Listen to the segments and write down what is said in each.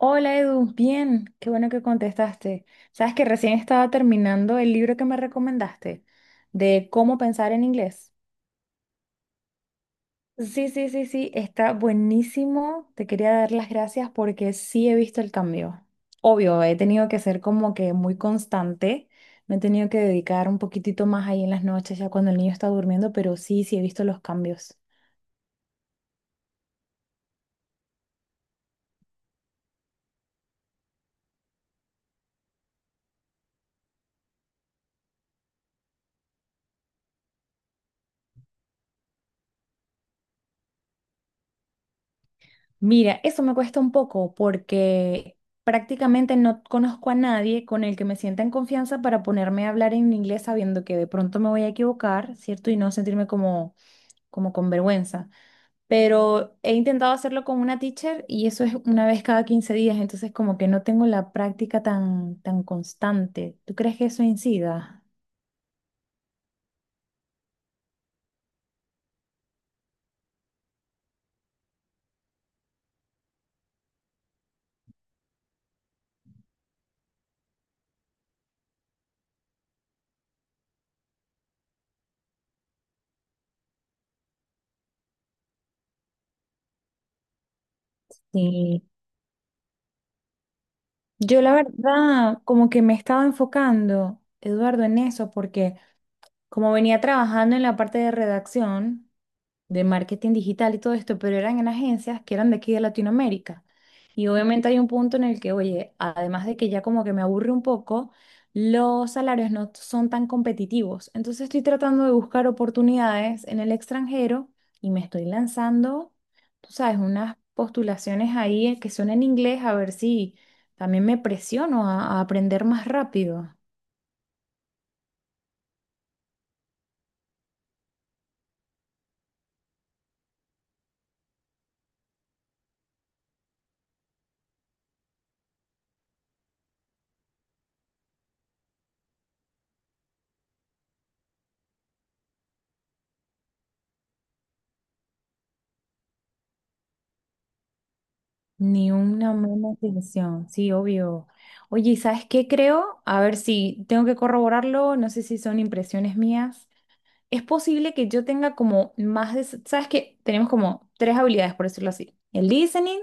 Hola Edu, bien, qué bueno que contestaste. Sabes que recién estaba terminando el libro que me recomendaste de cómo pensar en inglés. Sí, sí, sí, sí, está buenísimo. Te quería dar las gracias porque sí he visto el cambio. Obvio, he tenido que ser como que muy constante. Me he tenido que dedicar un poquitito más ahí en las noches, ya cuando el niño está durmiendo, pero sí, sí he visto los cambios. Mira, eso me cuesta un poco porque prácticamente no conozco a nadie con el que me sienta en confianza para ponerme a hablar en inglés sabiendo que de pronto me voy a equivocar, ¿cierto? Y no sentirme como, como con vergüenza. Pero he intentado hacerlo con una teacher y eso es una vez cada 15 días, entonces como que no tengo la práctica tan, tan constante. ¿Tú crees que eso incida? Sí. Yo la verdad como que me estaba enfocando, Eduardo, en eso porque... como venía trabajando en la parte de redacción, de marketing digital y todo esto, pero eran en agencias que eran de aquí de Latinoamérica. Y obviamente hay un punto en el que, oye, además de que ya como que me aburre un poco, los salarios no son tan competitivos. Entonces estoy tratando de buscar oportunidades en el extranjero y me estoy lanzando, tú sabes, unas postulaciones ahí que son en inglés, a ver si también me presiono a aprender más rápido. Ni una mala intención, sí, obvio. Oye, ¿y ¿sabes qué creo? A ver si tengo que corroborarlo, no sé si son impresiones mías. Es posible que yo tenga como más de... ¿Sabes qué? Tenemos como tres habilidades, por decirlo así. El listening,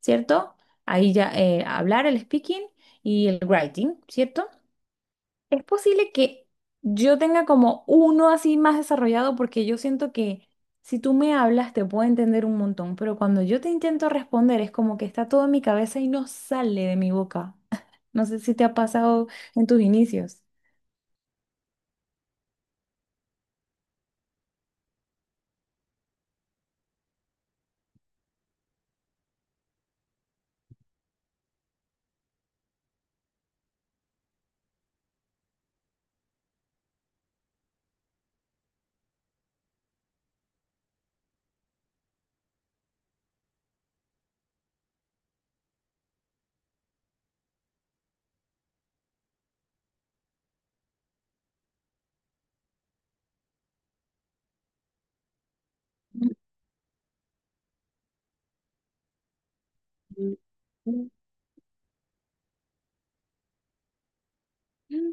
¿cierto? Ahí ya hablar, el speaking y el writing, ¿cierto? Es posible que yo tenga como uno así más desarrollado porque yo siento que si tú me hablas te puedo entender un montón, pero cuando yo te intento responder es como que está todo en mi cabeza y no sale de mi boca. No sé si te ha pasado en tus inicios. Mm.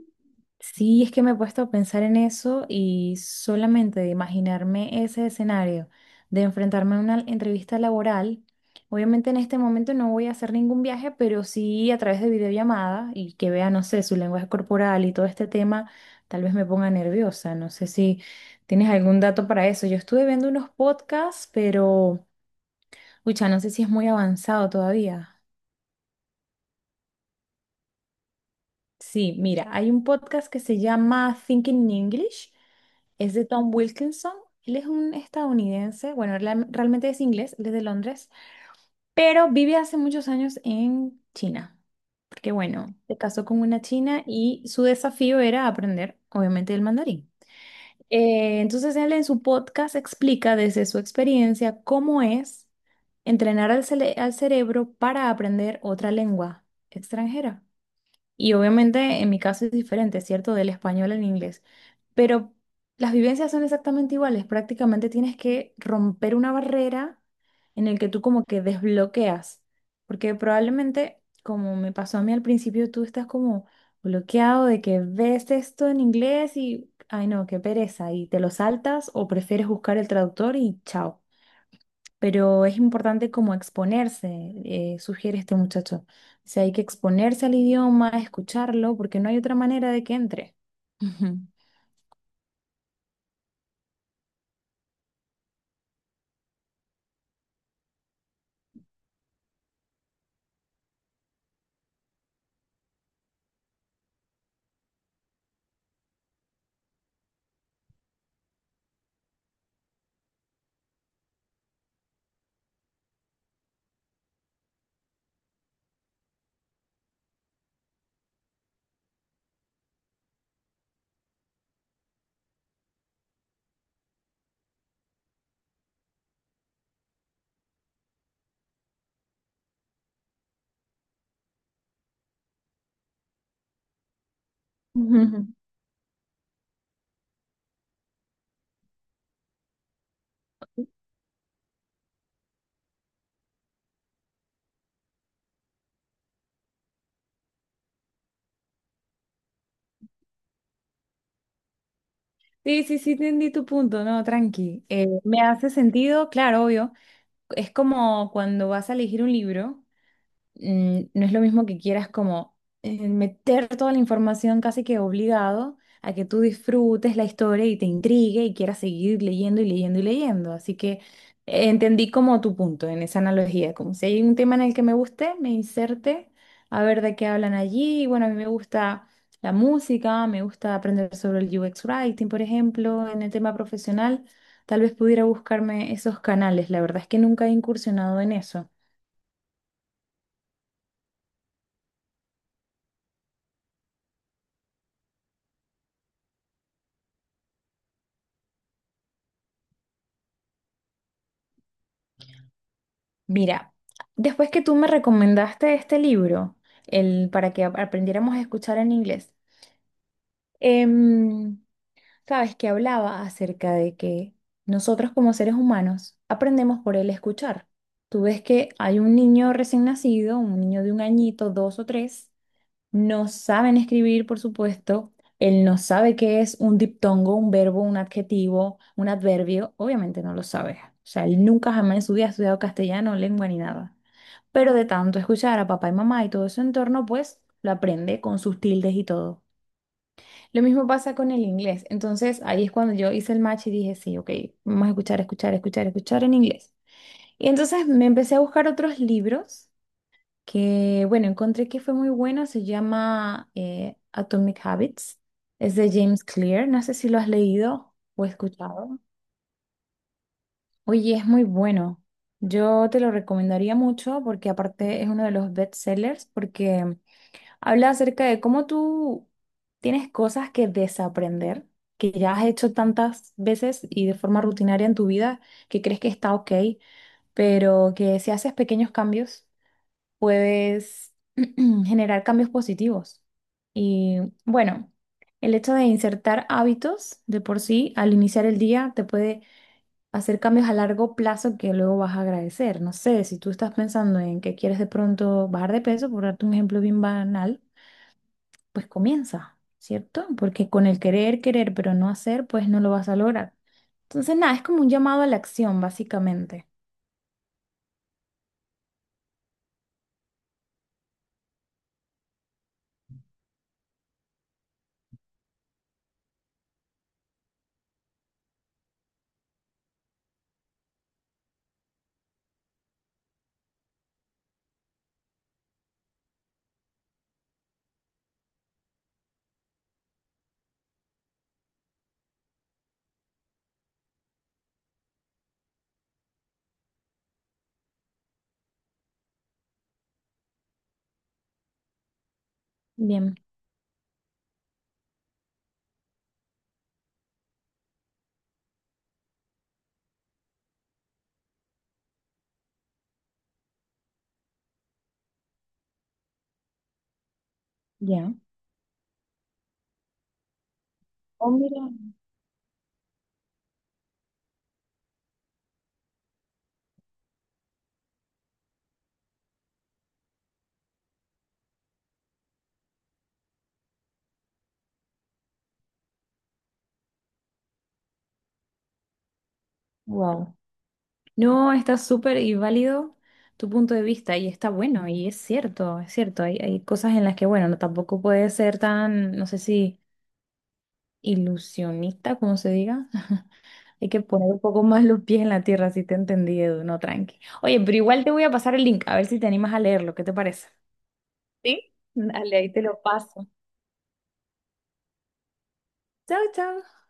Sí, es que me he puesto a pensar en eso y solamente de imaginarme ese escenario, de enfrentarme a una entrevista laboral. Obviamente en este momento no voy a hacer ningún viaje, pero sí a través de videollamada y que vea, no sé, su lenguaje corporal y todo este tema, tal vez me ponga nerviosa. No sé si tienes algún dato para eso. Yo estuve viendo unos podcasts, pero, ucha, no sé si es muy avanzado todavía. Sí, mira, hay un podcast que se llama Thinking English, es de Tom Wilkinson. Él es un estadounidense, bueno, realmente es inglés, él es de Londres, pero vive hace muchos años en China, porque bueno, se casó con una china y su desafío era aprender, obviamente, el mandarín. Entonces él en su podcast explica desde su experiencia cómo es entrenar al, al cerebro para aprender otra lengua extranjera. Y obviamente en mi caso es diferente, ¿cierto? Del español al inglés. Pero las vivencias son exactamente iguales. Prácticamente tienes que romper una barrera en el que tú como que desbloqueas. Porque probablemente, como me pasó a mí al principio, tú estás como bloqueado de que ves esto en inglés y, ay no, qué pereza. Y te lo saltas o prefieres buscar el traductor y chao, pero es importante como exponerse, sugiere este muchacho. O sea, hay que exponerse al idioma, escucharlo, porque no hay otra manera de que entre. Ujú. Ujú. Sí, sí, sí, entendí tu punto, no, tranqui. Me hace sentido, claro, obvio. Es como cuando vas a elegir un libro. Mm, no es lo mismo que quieras como meter toda la información casi que obligado a que tú disfrutes la historia y te intrigue y quieras seguir leyendo y leyendo y leyendo. Así que entendí como tu punto en esa analogía, como si hay un tema en el que me guste, me inserte a ver de qué hablan allí. Y bueno, a mí me gusta la música, me gusta aprender sobre el UX Writing, por ejemplo, en el tema profesional. Tal vez pudiera buscarme esos canales. La verdad es que nunca he incursionado en eso. Mira, después que tú me recomendaste este libro, el para que aprendiéramos a escuchar en inglés, em, sabes que hablaba acerca de que nosotros como seres humanos aprendemos por el escuchar. Tú ves que hay un niño recién nacido, un niño de un añito, dos o tres, no saben escribir, por supuesto. Él no sabe qué es un diptongo, un verbo, un adjetivo, un adverbio. Obviamente no lo sabe. O sea, él nunca jamás en su vida ha estudiado castellano, lengua ni nada. Pero de tanto escuchar a papá y mamá y todo su entorno, pues lo aprende con sus tildes y todo. Lo mismo pasa con el inglés. Entonces ahí es cuando yo hice el match y dije, sí, ok, vamos a escuchar, escuchar, escuchar, escuchar en inglés. Y entonces me empecé a buscar otros libros que, bueno, encontré que fue muy buena, se llama Atomic Habits, es de James Clear, no sé si lo has leído o escuchado. Oye, es muy bueno, yo te lo recomendaría mucho porque aparte es uno de los bestsellers porque habla acerca de cómo tú tienes cosas que desaprender, que ya has hecho tantas veces y de forma rutinaria en tu vida que crees que está ok, pero que si haces pequeños cambios puedes generar cambios positivos. Y bueno, el hecho de insertar hábitos de por sí al iniciar el día te puede hacer cambios a largo plazo que luego vas a agradecer. No sé, si tú estás pensando en que quieres de pronto bajar de peso, por darte un ejemplo bien banal, pues comienza, ¿cierto? Porque con el querer, querer, pero no hacer, pues no lo vas a lograr. Entonces, nada, es como un llamado a la acción, básicamente. Bien, ya. Oh, mira. Wow. No, está súper y válido tu punto de vista y está bueno y es cierto, es cierto. Hay cosas en las que, bueno, no, tampoco puede ser tan, no sé si ilusionista, como se diga. Hay que poner un poco más los pies en la tierra, si te entendí, Edu, no, tranqui. Oye, pero igual te voy a pasar el link, a ver si te animas a leerlo, ¿qué te parece? ¿Sí? Dale, ahí te lo paso. Chao, chao.